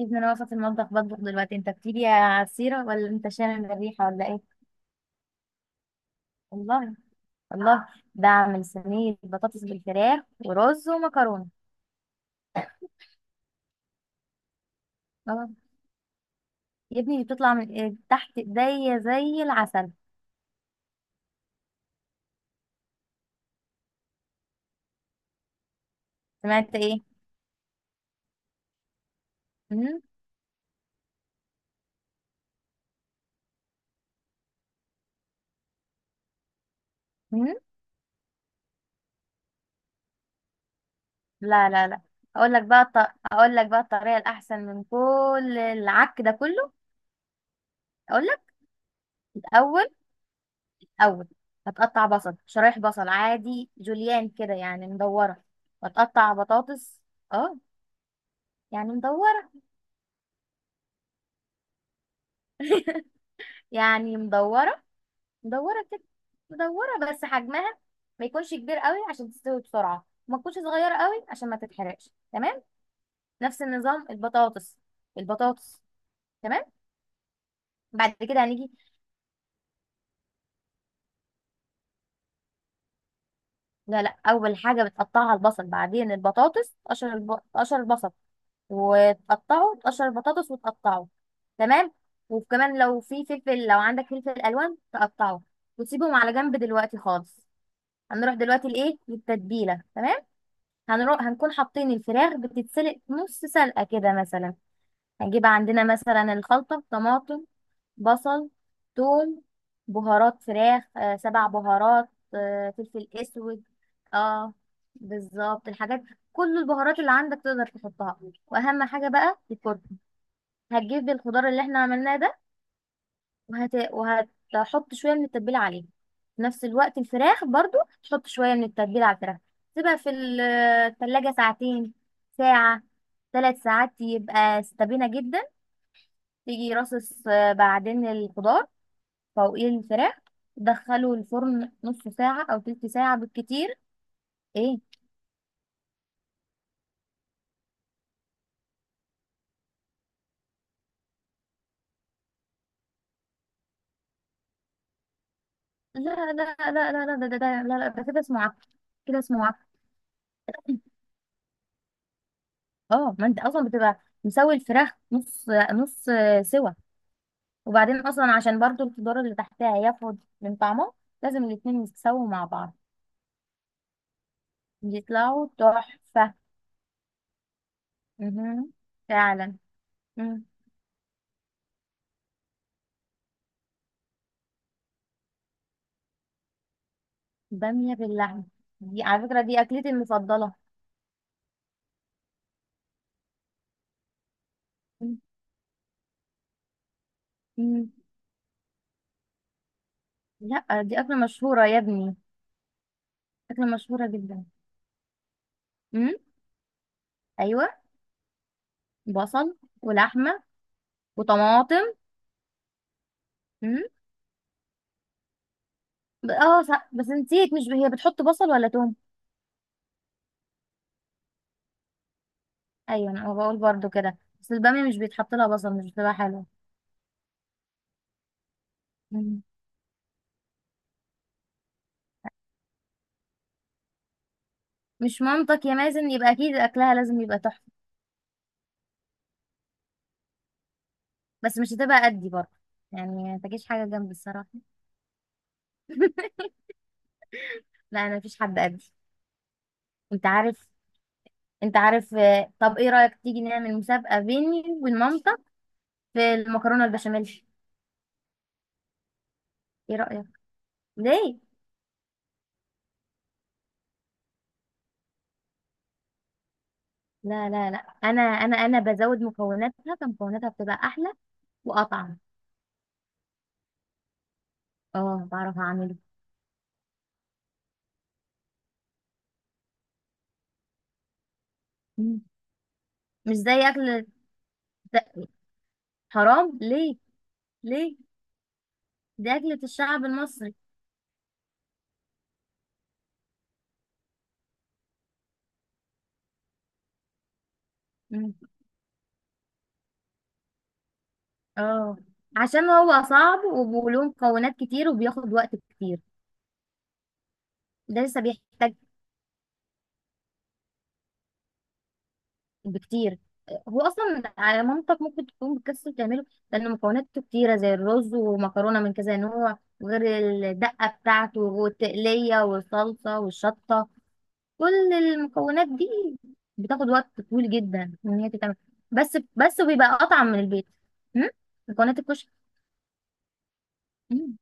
ابن انا واقفه في المطبخ بطبخ دلوقتي. انت بتيجي يا عصيره ولا انت شامم الريحه ولا ايه؟ والله. والله ده اعمل صينيه بطاطس بالفراخ ورز ومكرونه. اه يا ابني دي بتطلع من إيه؟ تحت ايديا زي العسل. سمعت ايه؟ امم امم لا لا لا. اقول لك بقى الط... اقول لك بقى الطريقه الاحسن من كل العك ده كله. اقول لك. الاول. اول هتقطع بصل، شرايح بصل عادي جوليان كده، يعني مدوره. وتقطع بطاطس. اه، يعني مدوره، يعني مدورة، مدورة كده، مدورة بس حجمها ما يكونش كبير قوي عشان تستوي بسرعة وما تكونش صغيرة قوي عشان ما تتحرقش. تمام. نفس النظام البطاطس. تمام. بعد كده هنيجي. لا لا، أول حاجة بتقطعها البصل، بعدين البطاطس. تقشر البصل وتقطعه، تقشر البطاطس وتقطعه. تمام. وكمان لو في فلفل، لو عندك فلفل ألوان تقطعه. وتسيبهم على جنب دلوقتي خالص. هنروح دلوقتي لإيه؟ للتتبيلة. تمام. هنروح هنكون حاطين الفراخ بتتسلق نص سلقة كده مثلا. هنجيب عندنا مثلا الخلطة: طماطم، بصل، ثوم، بهارات فراخ، 7 بهارات، فلفل اسود. اه، بالظبط الحاجات، كل البهارات اللي عندك تقدر تحطها، واهم حاجة بقى الكركم. هتجيب الخضار اللي احنا عملناه ده وهت... وهتحط شويه من التتبيله عليه. في نفس الوقت الفراخ برضو تحط شويه من التتبيله على الفراخ. تسيبها في ال- التلاجة ساعتين، ساعه، 3 ساعات يبقى استبينه جدا. تيجي رصص، بعدين الخضار فوقيه الفراخ. دخله الفرن نص ساعه او تلت ساعه بالكتير. ايه؟ لا لا لا لا لا، ده لا لا، ده كده اسمه عك. كده اسمه عك. اه، ما انت اصلا بتبقى مسوي الفراخ نص، سوا. وبعدين اصلا عشان برضو الخضار اللي تحتها ياخد من طعمه، لازم الاتنين يتساووا مع بعض. بيطلعوا تحفة. مهم. فعلا. مم. بامية باللحمة؟ دي على فكرة دي أكلتي المفضلة. مم. مم. لا، دي أكلة مشهورة يا ابني. أكلة مشهورة جدا. مم. أيوة. بصل ولحمة وطماطم. مم. اه صح. بس نسيت، مش ب- هي بتحط بصل ولا توم؟ أيوة أنا بقول برضو كده، بس البامية مش بيتحط لها بصل، مش بتبقى حلوة. مم. مش مامتك يا مازن؟ يبقى اكيد اكلها لازم يبقى تحفه. بس مش هتبقى قدي برضه، يعني ما تجيش حاجه جنبي الصراحه. لا انا مفيش حد قدي. انت عارف. انت عارف. طب ايه رايك تيجي نعمل مسابقه بيني وبين مامتك في المكرونه البشاميل؟ ايه رايك؟ ليه؟ لا لا لا، انا بزود مكوناتها، فمكوناتها بتبقى احلى واطعم. اه بعرف اعمله. مم. مش زي اكل. د- حرام ليه؟ ليه؟ دي اكله الشعب المصري. اه، عشان هو صعب وبيقولوه مكونات كتير وبياخد وقت كتير. ده لسه بيحتاج بكتير. هو اصلا على مامتك ممكن تكون بتكسل تعمله، لان مكوناته كتيره زي الرز ومكرونه من كذا نوع، وغير الدقه بتاعته والتقليه والصلصه والشطه. كل المكونات دي بتاخد وقت طويل جدا ان هي تتعمل. بس بيبقى اطعم من البيت. م? مكونات الكشك. م-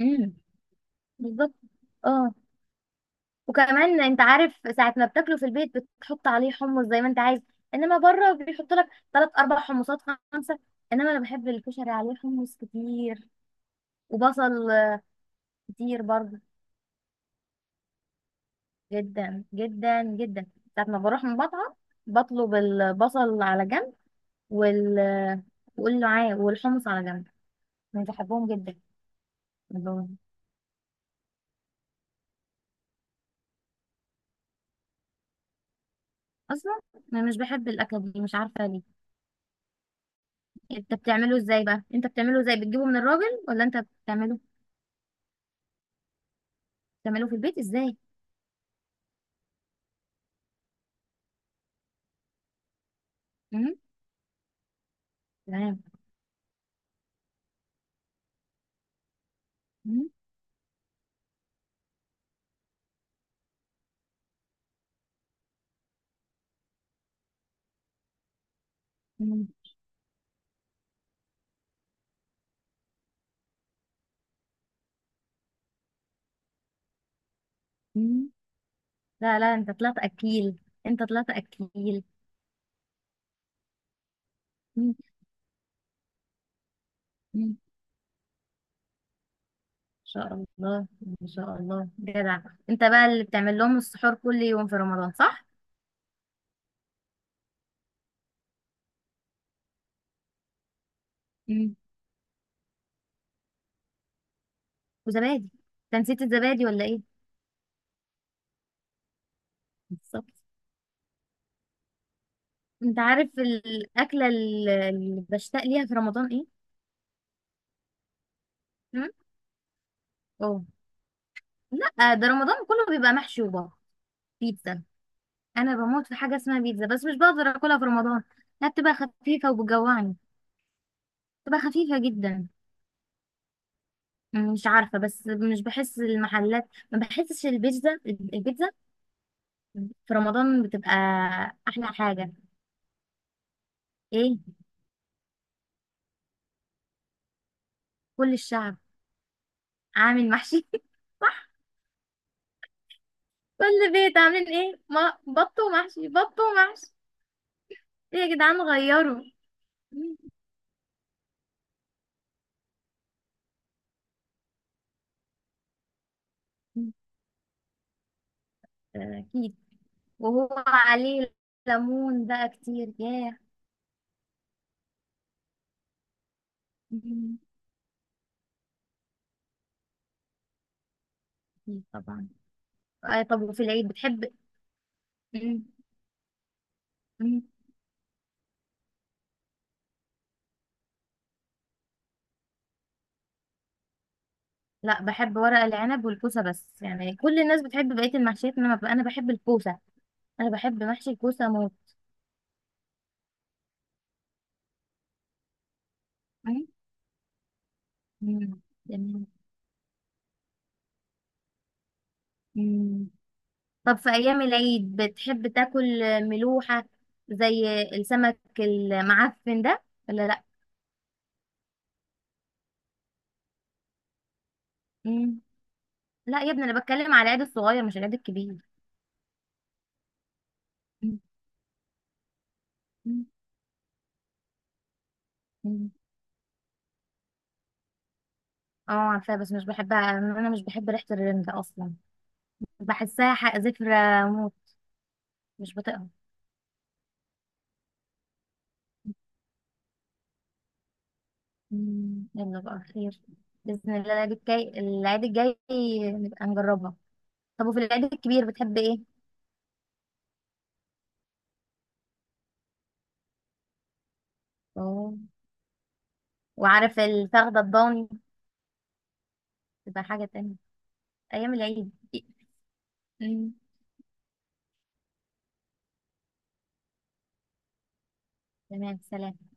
م. بالظبط. اه، وكمان انت عارف ساعة ما بتاكله في البيت بتحط عليه حمص زي ما انت عايز. انما بره بيحط لك 3 أربع حمصات، خمسة. انما انا بحب الكشري عليه حمص كتير، وبصل كتير برضه. جدا جدا جدا. ساعة ما بروح من مطعم بطلب البصل على جنب، وال وقول له عاي والحمص على جنب. انا بحبهم جدا. بحبهم. اصلا انا مش بحب الاكله دي، مش عارفه ليه. انت بتعمله ازاي بقى؟ انت بتعمله ازاي؟ بتجيبه من الراجل ولا انت بتعمله؟ بتعمله في البيت ازاي؟ إمم. تمام. مم. مم. مم. لا لا، انت طلعت اكيل. انت طلعت اكيل. مم. مم. ان شاء الله. ان شاء الله جدع. انت بقى اللي بتعمل لهم السحور كل يوم في رمضان صح؟ مم. وزبادي. انت نسيت الزبادي ولا ايه؟ بالظبط. انت عارف الاكله اللي بشتاق ليها في رمضان ايه؟ مم؟ اه. لا، ده رمضان كله بيبقى محشي وبابا. بيتزا. انا بموت في حاجه اسمها بيتزا، بس مش بقدر اكلها في رمضان. لا بتبقى خفيفه وبتجوعني. بتبقى خفيفه جدا. مش عارفة، بس مش بحس المحلات، ما بحسش البيتزا. البيتزا في رمضان بتبقى أحلى حاجة. إيه؟ كل الشعب عامل محشي. صح. كل بيت عاملين إيه؟ ما بط ومحشي، بط ومحشي. إيه يا جدعان غيروا. أكيد. وهو عليه ليمون بقى كتير، ياه. مم. أكيد طبعا. آه طب وفي العيد بتحب؟ مم. مم. لا بحب ورق العنب والكوسة بس. يعني كل الناس بتحب بقية المحشيات، إنما أنا بحب الكوسة. انا بحب محشي الكوسه موت. أي؟ مم. جميل. مم. طب في ايام العيد بتحب تاكل ملوحه زي السمك المعفن ده ولا لا؟ مم. لا يا ابني انا بتكلم على العيد الصغير مش العيد الكبير. مم. مم. مم. اه عارفاه، بس مش بحبها. انا مش بحب ريحه الرنجة اصلا. بحسها زفرة موت. مش بطيقها. مم. يلا بقى، خير باذن الله. العيد الجاي، العيد الجاي نبقى نجربها. طب وفي العيد الكبير بتحب ايه؟ اه، وعارف الفخدة الضاني تبقى حاجة تانية. أيام العيد. أمم. تمام سلام.